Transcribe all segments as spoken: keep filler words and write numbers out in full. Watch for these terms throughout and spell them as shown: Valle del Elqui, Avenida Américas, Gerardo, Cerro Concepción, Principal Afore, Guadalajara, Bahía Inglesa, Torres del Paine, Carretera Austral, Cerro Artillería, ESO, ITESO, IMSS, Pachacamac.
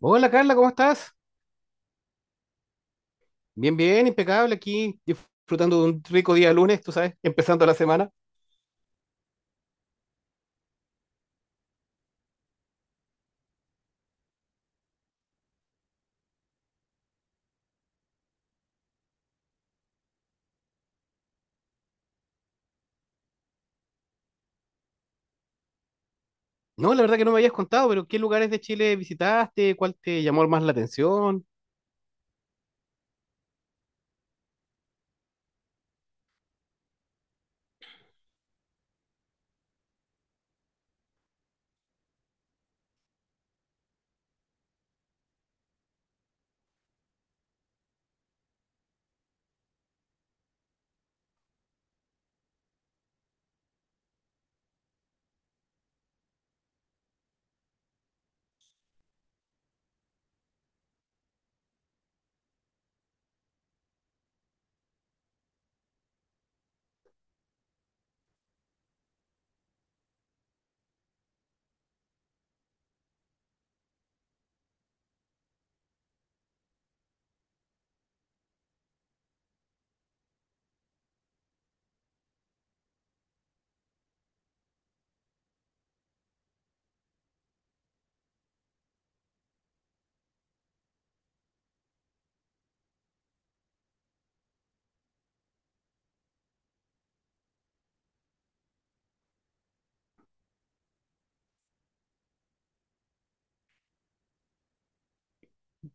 Hola Carla, ¿cómo estás? Bien, bien, impecable aquí, disfrutando de un rico día lunes, tú sabes, empezando la semana. No, la verdad que no me habías contado, pero ¿qué lugares de Chile visitaste? ¿Cuál te llamó más la atención?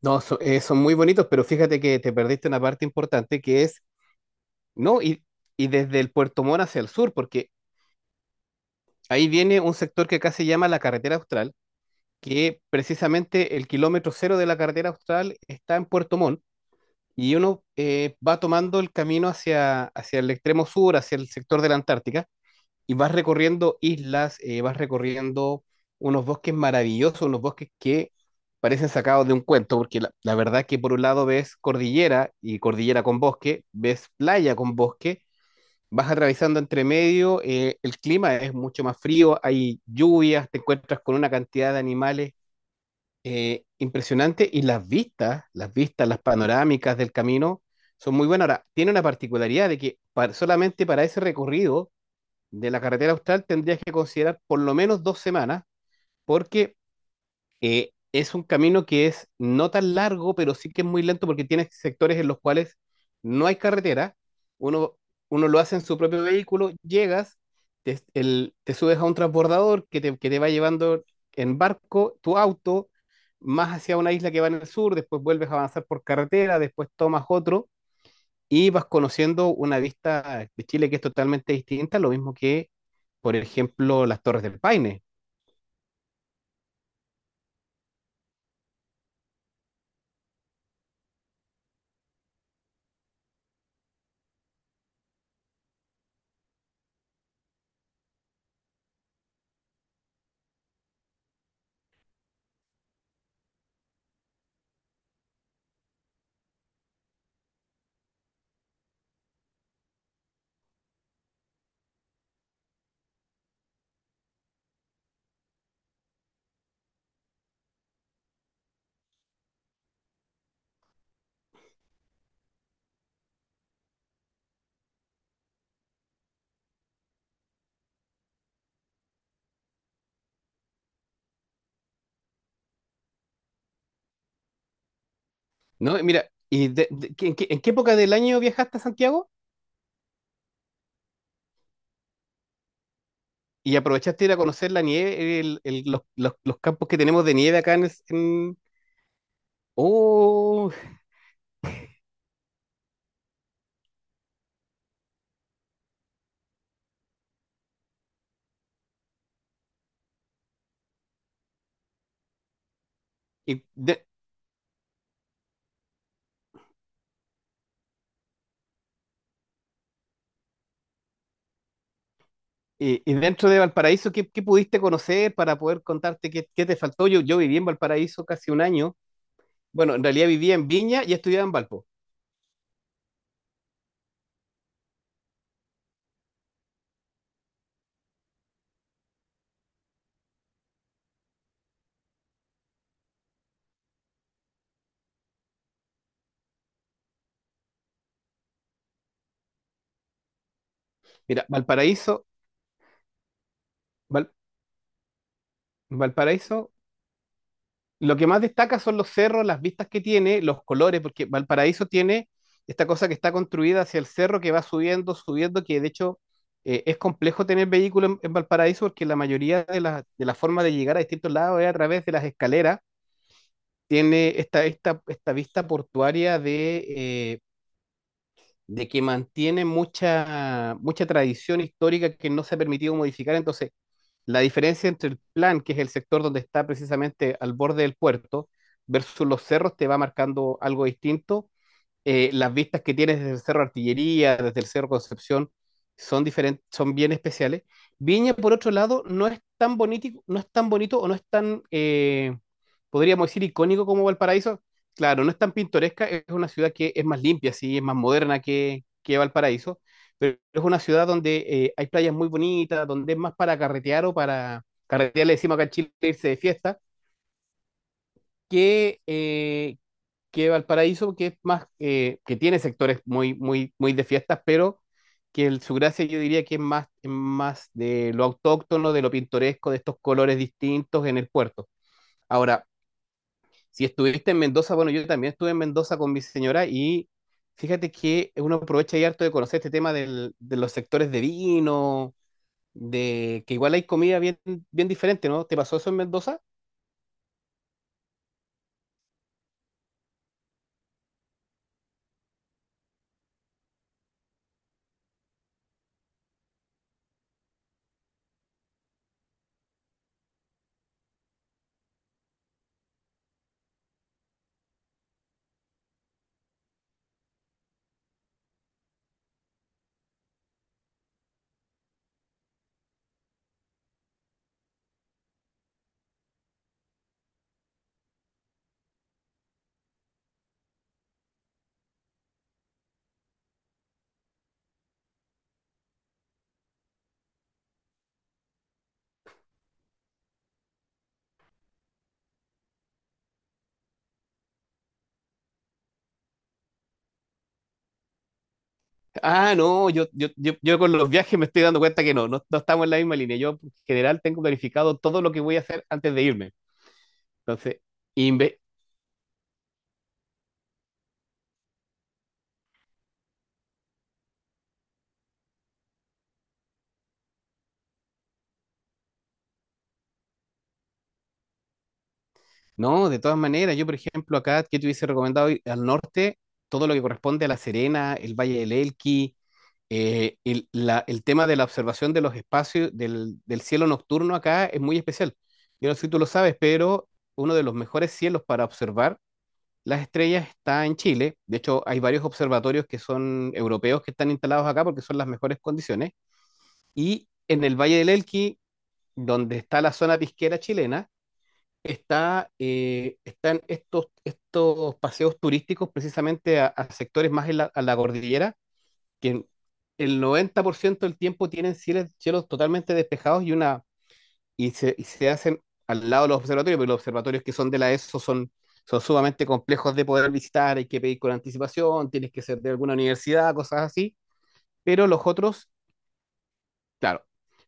No, so- eh, son muy bonitos, pero fíjate que te perdiste una parte importante que es, no, y, y desde el Puerto Montt hacia el sur, porque ahí viene un sector que acá se llama la Carretera Austral, que precisamente el kilómetro cero de la Carretera Austral está en Puerto Montt. Y uno eh, va tomando el camino hacia, hacia el extremo sur, hacia el sector de la Antártica, y vas recorriendo islas, eh, vas recorriendo unos bosques maravillosos, unos bosques que parecen sacados de un cuento, porque la, la verdad que por un lado ves cordillera y cordillera con bosque, ves playa con bosque, vas atravesando entre medio, eh, el clima es mucho más frío, hay lluvias, te encuentras con una cantidad de animales eh, impresionante, y las vistas, las vistas, las panorámicas del camino son muy buenas. Ahora, tiene una particularidad de que para- solamente para ese recorrido de la carretera austral tendrías que considerar por lo menos dos semanas porque eh, es un camino que es no tan largo, pero sí que es muy lento porque tiene sectores en los cuales no hay carretera. Uno, uno lo hace en su propio vehículo, llegas, te, el- te subes a un transbordador que te, que te va llevando en barco tu auto más hacia una isla que va en el sur, después vuelves a avanzar por carretera, después tomas otro y vas conociendo una vista de Chile que es totalmente distinta, lo mismo que, por ejemplo, las Torres del Paine. No, mira, ¿y de- de- qué- en, qué, en qué época del año viajaste a Santiago? ¿Y aprovechaste de ir a conocer la nieve, el- el- los, los- los campos que tenemos de nieve acá en... es- en- Oh, y, de- y- y dentro de Valparaíso, ¿qué, ¿qué pudiste conocer para poder contarte qué, qué te faltó? Yo, yo viví en Valparaíso casi un año. Bueno, en realidad vivía en Viña y estudiaba en Valpo. Mira, Valparaíso, Val- Valparaíso. Lo que más destaca son los cerros, las vistas que tiene, los colores, porque Valparaíso tiene esta cosa que está construida hacia el cerro que va subiendo, subiendo, que de hecho eh, es complejo tener vehículo en, en Valparaíso porque la mayoría de las de la formas de llegar a distintos lados es a través de las escaleras. Tiene esta, esta, esta vista portuaria de, eh, de que mantiene mucha, mucha tradición histórica que no se ha permitido modificar. Entonces, la diferencia entre el plan, que es el sector donde está precisamente al borde del puerto, versus los cerros, te va marcando algo distinto. Eh, las vistas que tienes desde el Cerro Artillería, desde el Cerro Concepción, son diferentes, son bien especiales. Viña, por otro lado, no es tan bonito, no es tan bonito o no es tan, eh, podríamos decir, icónico como Valparaíso. Claro, no es tan pintoresca, es una ciudad que es más limpia, sí, es más moderna que, que Valparaíso, pero es una ciudad donde eh, hay playas muy bonitas, donde es más para carretear o para carretear, le decimos acá en Chile, irse de fiesta, que, eh, que Valparaíso, que es más, eh, que tiene sectores muy, muy, muy de fiestas, pero que el- su gracia yo diría que es más, es más de lo autóctono, de lo pintoresco, de estos colores distintos en el puerto. Ahora, si estuviste en Mendoza, bueno, yo también estuve en Mendoza con mi señora, y fíjate que uno aprovecha y harto de conocer este tema del- de los sectores de vino, de que igual hay comida bien, bien diferente, ¿no? ¿Te pasó eso en Mendoza? Ah, no, yo, yo, yo, yo con los viajes me estoy dando cuenta que no, no, no estamos en la misma línea. Yo en general tengo planificado todo lo que voy a hacer antes de irme. Entonces, inve- no, de todas maneras, yo por ejemplo acá, que te hubiese recomendado ir al norte, todo lo que corresponde a La Serena, el Valle del Elqui, eh, el, la- el tema de la observación de los espacios del, del cielo nocturno acá es muy especial. Yo no sé si tú lo sabes, pero uno de los mejores cielos para observar Las Estrellas está en Chile. De hecho, hay varios observatorios que son europeos que están instalados acá porque son las mejores condiciones. Y en el Valle del Elqui, donde está la zona pisquera chilena, está, eh, están estos, estos paseos turísticos precisamente a, a sectores más en la, a la cordillera, que el noventa por ciento del tiempo tienen cielos, cielos totalmente despejados, y una y se, y se hacen al lado de los observatorios, pero los observatorios que son de la ESO son, son sumamente complejos de poder visitar, hay que pedir con anticipación, tienes que ser de alguna universidad, cosas así, pero los otros, claro,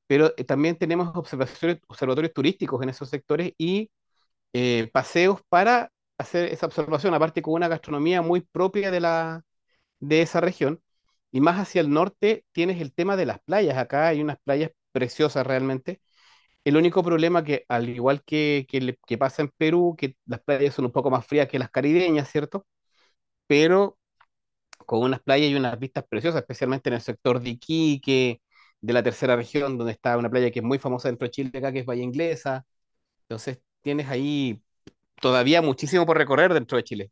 pero eh, también tenemos observaciones, observatorios turísticos en esos sectores y eh, paseos para hacer esa observación, aparte con una gastronomía muy propia de, la, de esa región. Y más hacia el norte tienes el tema de las playas. Acá hay unas playas preciosas realmente. El único problema que, al igual que, que, le- que pasa en Perú, que las playas son un poco más frías que las caribeñas, ¿cierto? Pero con unas playas y unas vistas preciosas, especialmente en el sector de Iquique, de la tercera región, donde está una playa que es muy famosa dentro de Chile, acá, que es Bahía Inglesa. Entonces tienes ahí todavía muchísimo por recorrer dentro de Chile.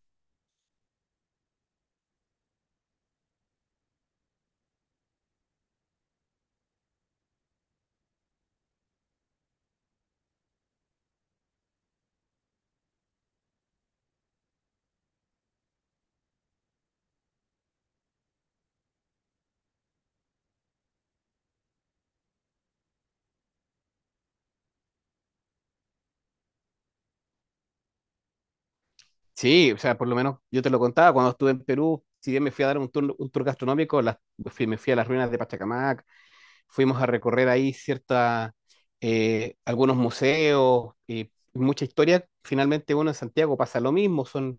Sí, o sea, por lo menos yo te lo contaba cuando estuve en Perú, si bien me fui a dar un tour, un tour gastronómico, las- fui- me fui a las ruinas de Pachacamac, fuimos a recorrer ahí cierta, eh, algunos museos, y mucha historia. Finalmente uno en Santiago pasa lo mismo, son,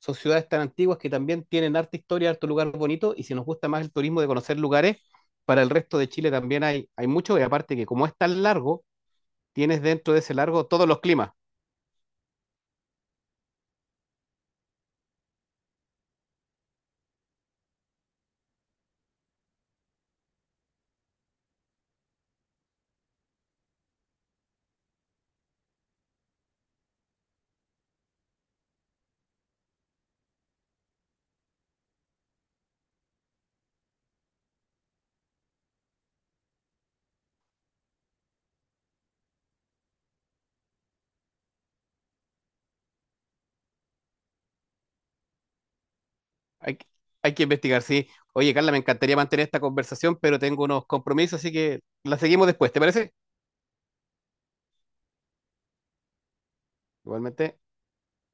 son ciudades tan antiguas que también tienen harta historia, harto lugar bonito, y si nos gusta más el turismo de conocer lugares, para el resto de Chile también hay, hay mucho, y aparte que como es tan largo, tienes dentro de ese largo todos los climas. Hay, que- Hay que investigar, sí. Oye, Carla, me encantaría mantener esta conversación, pero tengo unos compromisos, así que la seguimos después, ¿te parece? Igualmente.